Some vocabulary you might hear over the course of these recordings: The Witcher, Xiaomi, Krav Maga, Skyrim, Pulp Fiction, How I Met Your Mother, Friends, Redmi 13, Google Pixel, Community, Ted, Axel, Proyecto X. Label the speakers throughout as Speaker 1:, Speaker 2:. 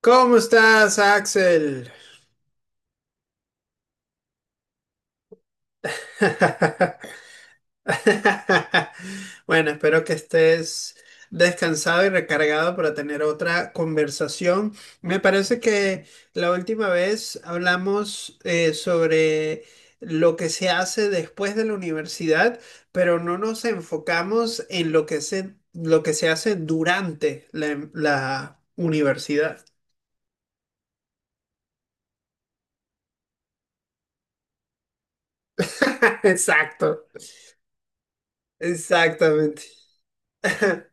Speaker 1: ¿Cómo estás, Axel? Bueno, espero que estés descansado y recargado para tener otra conversación. Me parece que la última vez hablamos sobre lo que se hace después de la universidad, pero no nos enfocamos en lo que se hace durante la universidad. Exacto, exactamente.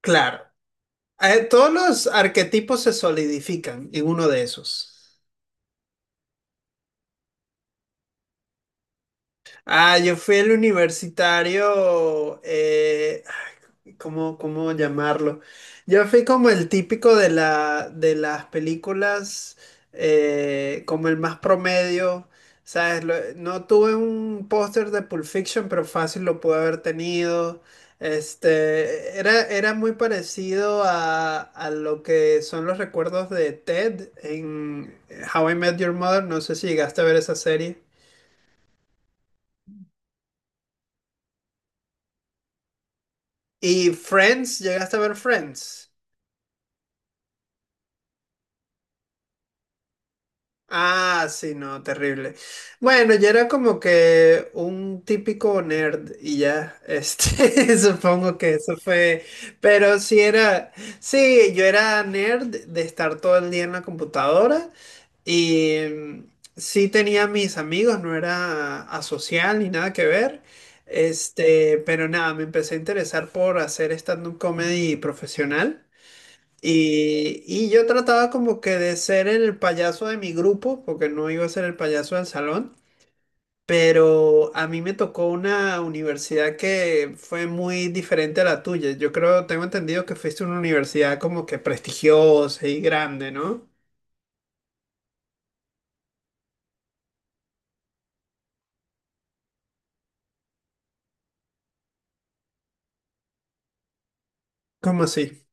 Speaker 1: Claro. Todos los arquetipos se solidifican en uno de esos. Ah, yo fui el universitario, ay, ¿cómo llamarlo? Yo fui como el típico de de las películas, como el más promedio, ¿sabes? Lo- no tuve un póster de Pulp Fiction, pero fácil lo pude haber tenido. Este, era muy parecido a lo que son los recuerdos de Ted en How I Met Your Mother. No sé si llegaste a ver esa serie. ¿Y Friends? ¿Llegaste a ver Friends? Ah, sí, no, terrible. Bueno, yo era como que un típico nerd y ya, este, supongo que eso fue, pero sí era, sí, yo era nerd de estar todo el día en la computadora y mm, sí tenía mis amigos, no era asocial ni nada que ver, este, pero nada, me empecé a interesar por hacer stand-up comedy profesional. Y yo trataba como que de ser el payaso de mi grupo, porque no iba a ser el payaso del salón, pero a mí me tocó una universidad que fue muy diferente a la tuya. Yo creo, tengo entendido que fuiste a una universidad como que prestigiosa y grande, ¿no? ¿Cómo así?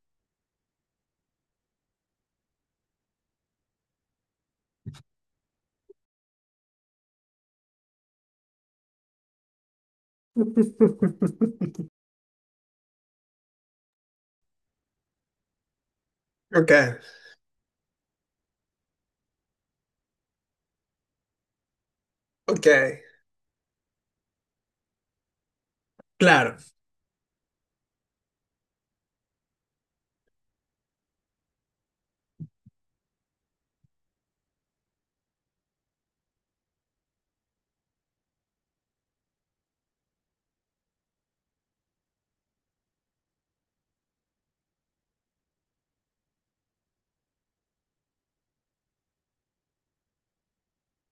Speaker 1: Ok, ok. Claro,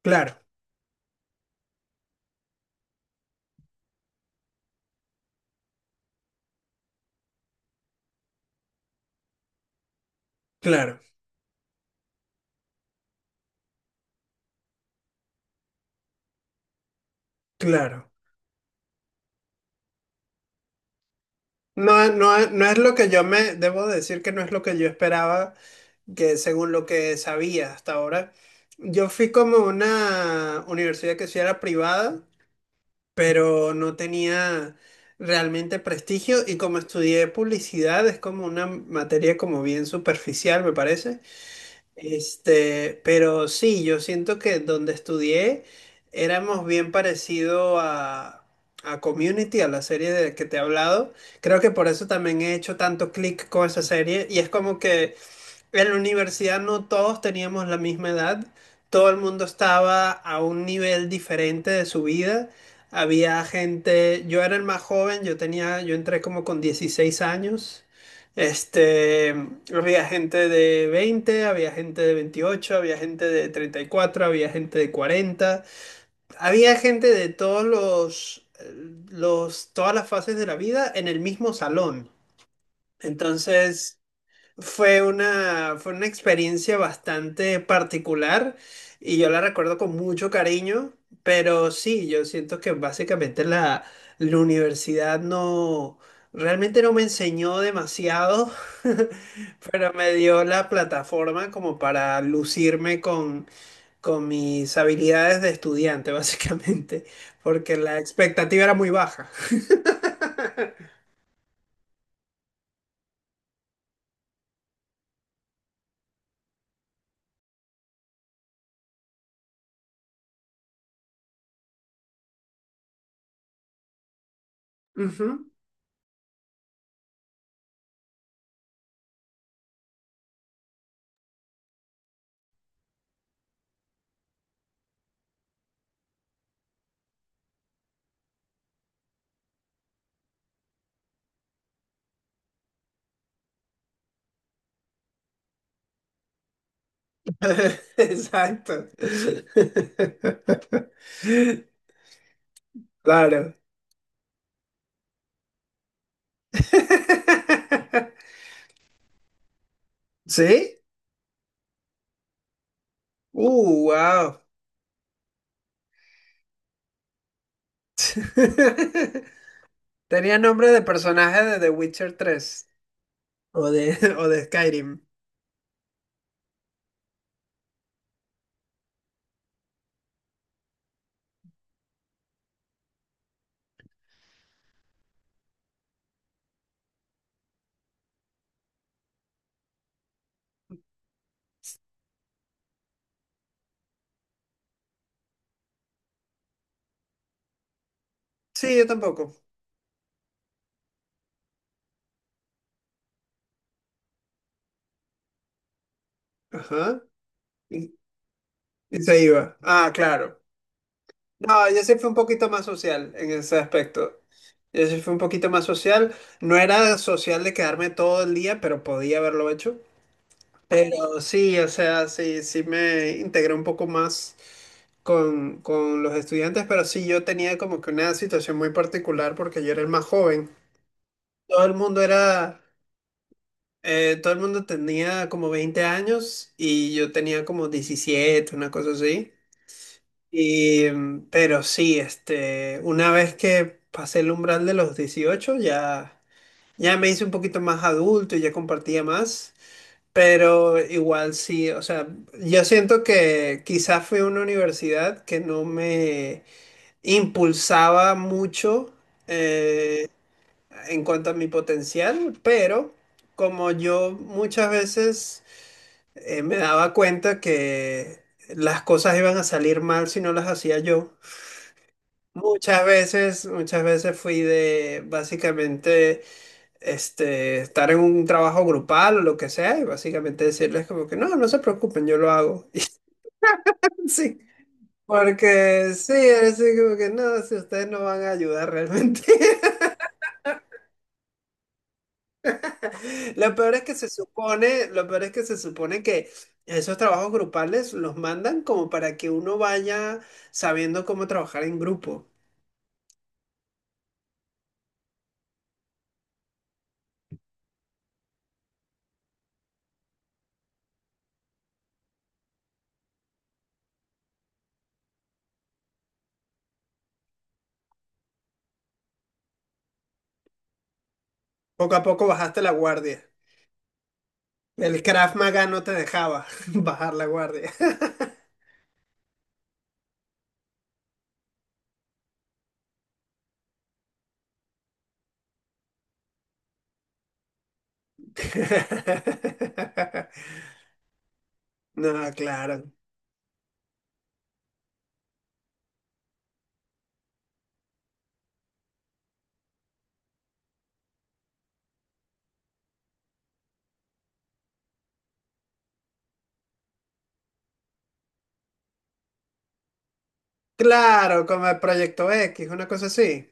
Speaker 1: claro, claro, claro. No es lo que yo me, debo decir que no es lo que yo esperaba, que según lo que sabía hasta ahora. Yo fui como a una universidad que sí era privada, pero no tenía realmente prestigio y como estudié publicidad es como una materia como bien superficial, me parece. Este, pero sí, yo siento que donde estudié éramos bien parecido a Community, a la serie de que te he hablado. Creo que por eso también he hecho tanto clic con esa serie. Y es como que en la universidad no todos teníamos la misma edad, todo el mundo estaba a un nivel diferente de su vida. Había gente, yo era el más joven, yo tenía, yo entré como con 16 años. Este, había gente de 20, había gente de 28, había gente de 34, había gente de 40. Había gente de todos todas las fases de la vida en el mismo salón. Entonces, fue una experiencia bastante particular y yo la recuerdo con mucho cariño, pero sí, yo siento que básicamente la universidad no, realmente no me enseñó demasiado, pero me dio la plataforma como para lucirme con mis habilidades de estudiante, básicamente, porque la expectativa era muy baja. Ujú. Exacto. Claro. ¿Sí? Wow. Tenía nombre de personaje de The Witcher 3 o de, o de Skyrim. Sí, yo tampoco. Ajá. Y, y se iba. Ah, claro. No, yo sí fui un poquito más social en ese aspecto. Yo sí fui un poquito más social. No era social de quedarme todo el día, pero podía haberlo hecho. Pero sí, o sea, sí, sí me integré un poco más con los estudiantes, pero sí yo tenía como que una situación muy particular porque yo era el más joven. Todo el mundo era, todo el mundo tenía como 20 años y yo tenía como 17 una cosa así. Y, mm, pero sí, este, una vez que pasé el umbral de los 18 ya, ya me hice un poquito más adulto y ya compartía más. Pero igual sí, o sea, yo siento que quizás fue una universidad que no me impulsaba mucho eh, en cuanto a mi potencial, pero como yo muchas veces me daba cuenta que las cosas iban a salir mal si no las hacía yo, muchas veces fui de básicamente este, estar en un trabajo grupal o lo que sea, y básicamente decirles como que no, no se preocupen, yo lo hago. Y sí, porque sí, es así como que no, si ustedes no van a ayudar realmente. Lo peor es que se supone, lo peor es que se supone que esos trabajos grupales los mandan como para que uno vaya sabiendo cómo trabajar en grupo. Poco a poco bajaste la guardia. El Krav Maga no te dejaba bajar la guardia. No, claro. Claro, como el Proyecto X, una cosa así.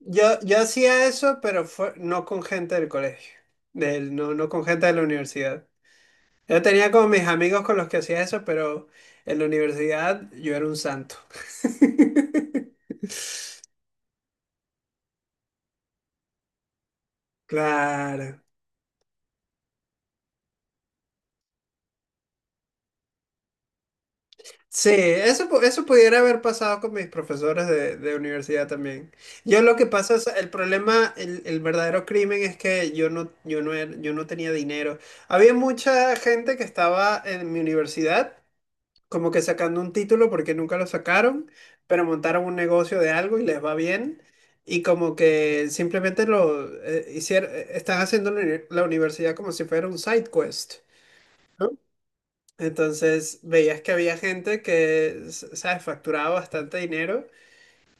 Speaker 1: Yo hacía eso, pero fue, no con gente del colegio, del, no, no con gente de la universidad. Yo tenía como mis amigos con los que hacía eso, pero en la universidad yo era un santo. Claro. Sí, eso, eso pudiera haber pasado con mis profesores de universidad también. Yo lo que pasa es, el problema, el verdadero crimen es que yo no, yo no, yo no tenía dinero. Había mucha gente que estaba en mi universidad como que sacando un título porque nunca lo sacaron, pero montaron un negocio de algo y les va bien. Y como que simplemente lo hicieron, están haciendo la la universidad como si fuera un side quest. Entonces veías que había gente que, s- ¿sabes?, facturaba bastante dinero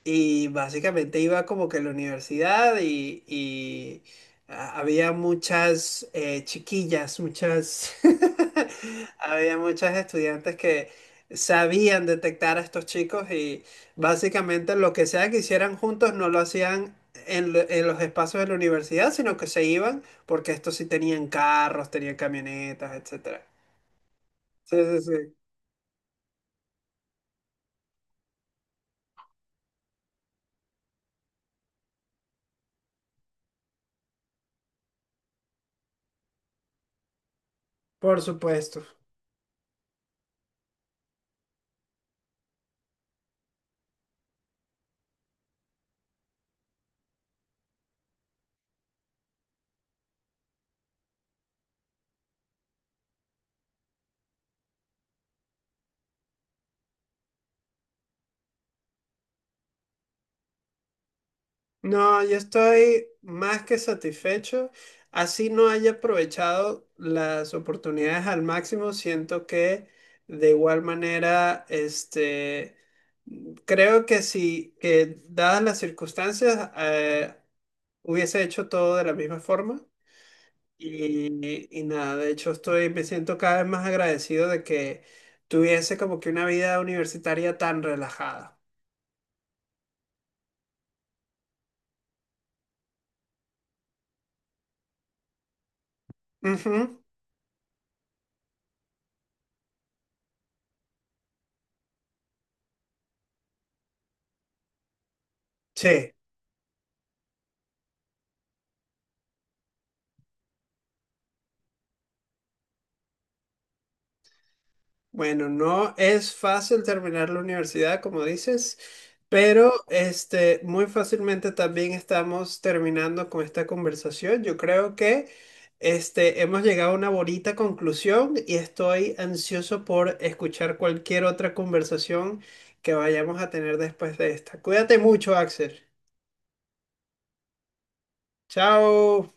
Speaker 1: y básicamente iba como que a la universidad y había muchas chiquillas, muchas, había muchas estudiantes que sabían detectar a estos chicos y básicamente lo que sea que hicieran juntos no lo hacían. En, en los espacios de la universidad, sino que se iban porque estos sí tenían carros, tenían camionetas, etcétera. Sí, sí, sí. Por supuesto. No, yo estoy más que satisfecho. Así no haya aprovechado las oportunidades al máximo, siento que de igual manera, este, creo que si, que dadas las circunstancias, hubiese hecho todo de la misma forma. Y nada, de hecho estoy, me siento cada vez más agradecido de que tuviese como que una vida universitaria tan relajada. Ujú, sí. Bueno, no es fácil terminar la universidad, como dices, pero este, muy fácilmente también estamos terminando con esta conversación. Yo creo que este, hemos llegado a una bonita conclusión y estoy ansioso por escuchar cualquier otra conversación que vayamos a tener después de esta. Cuídate mucho, Axel. Chao.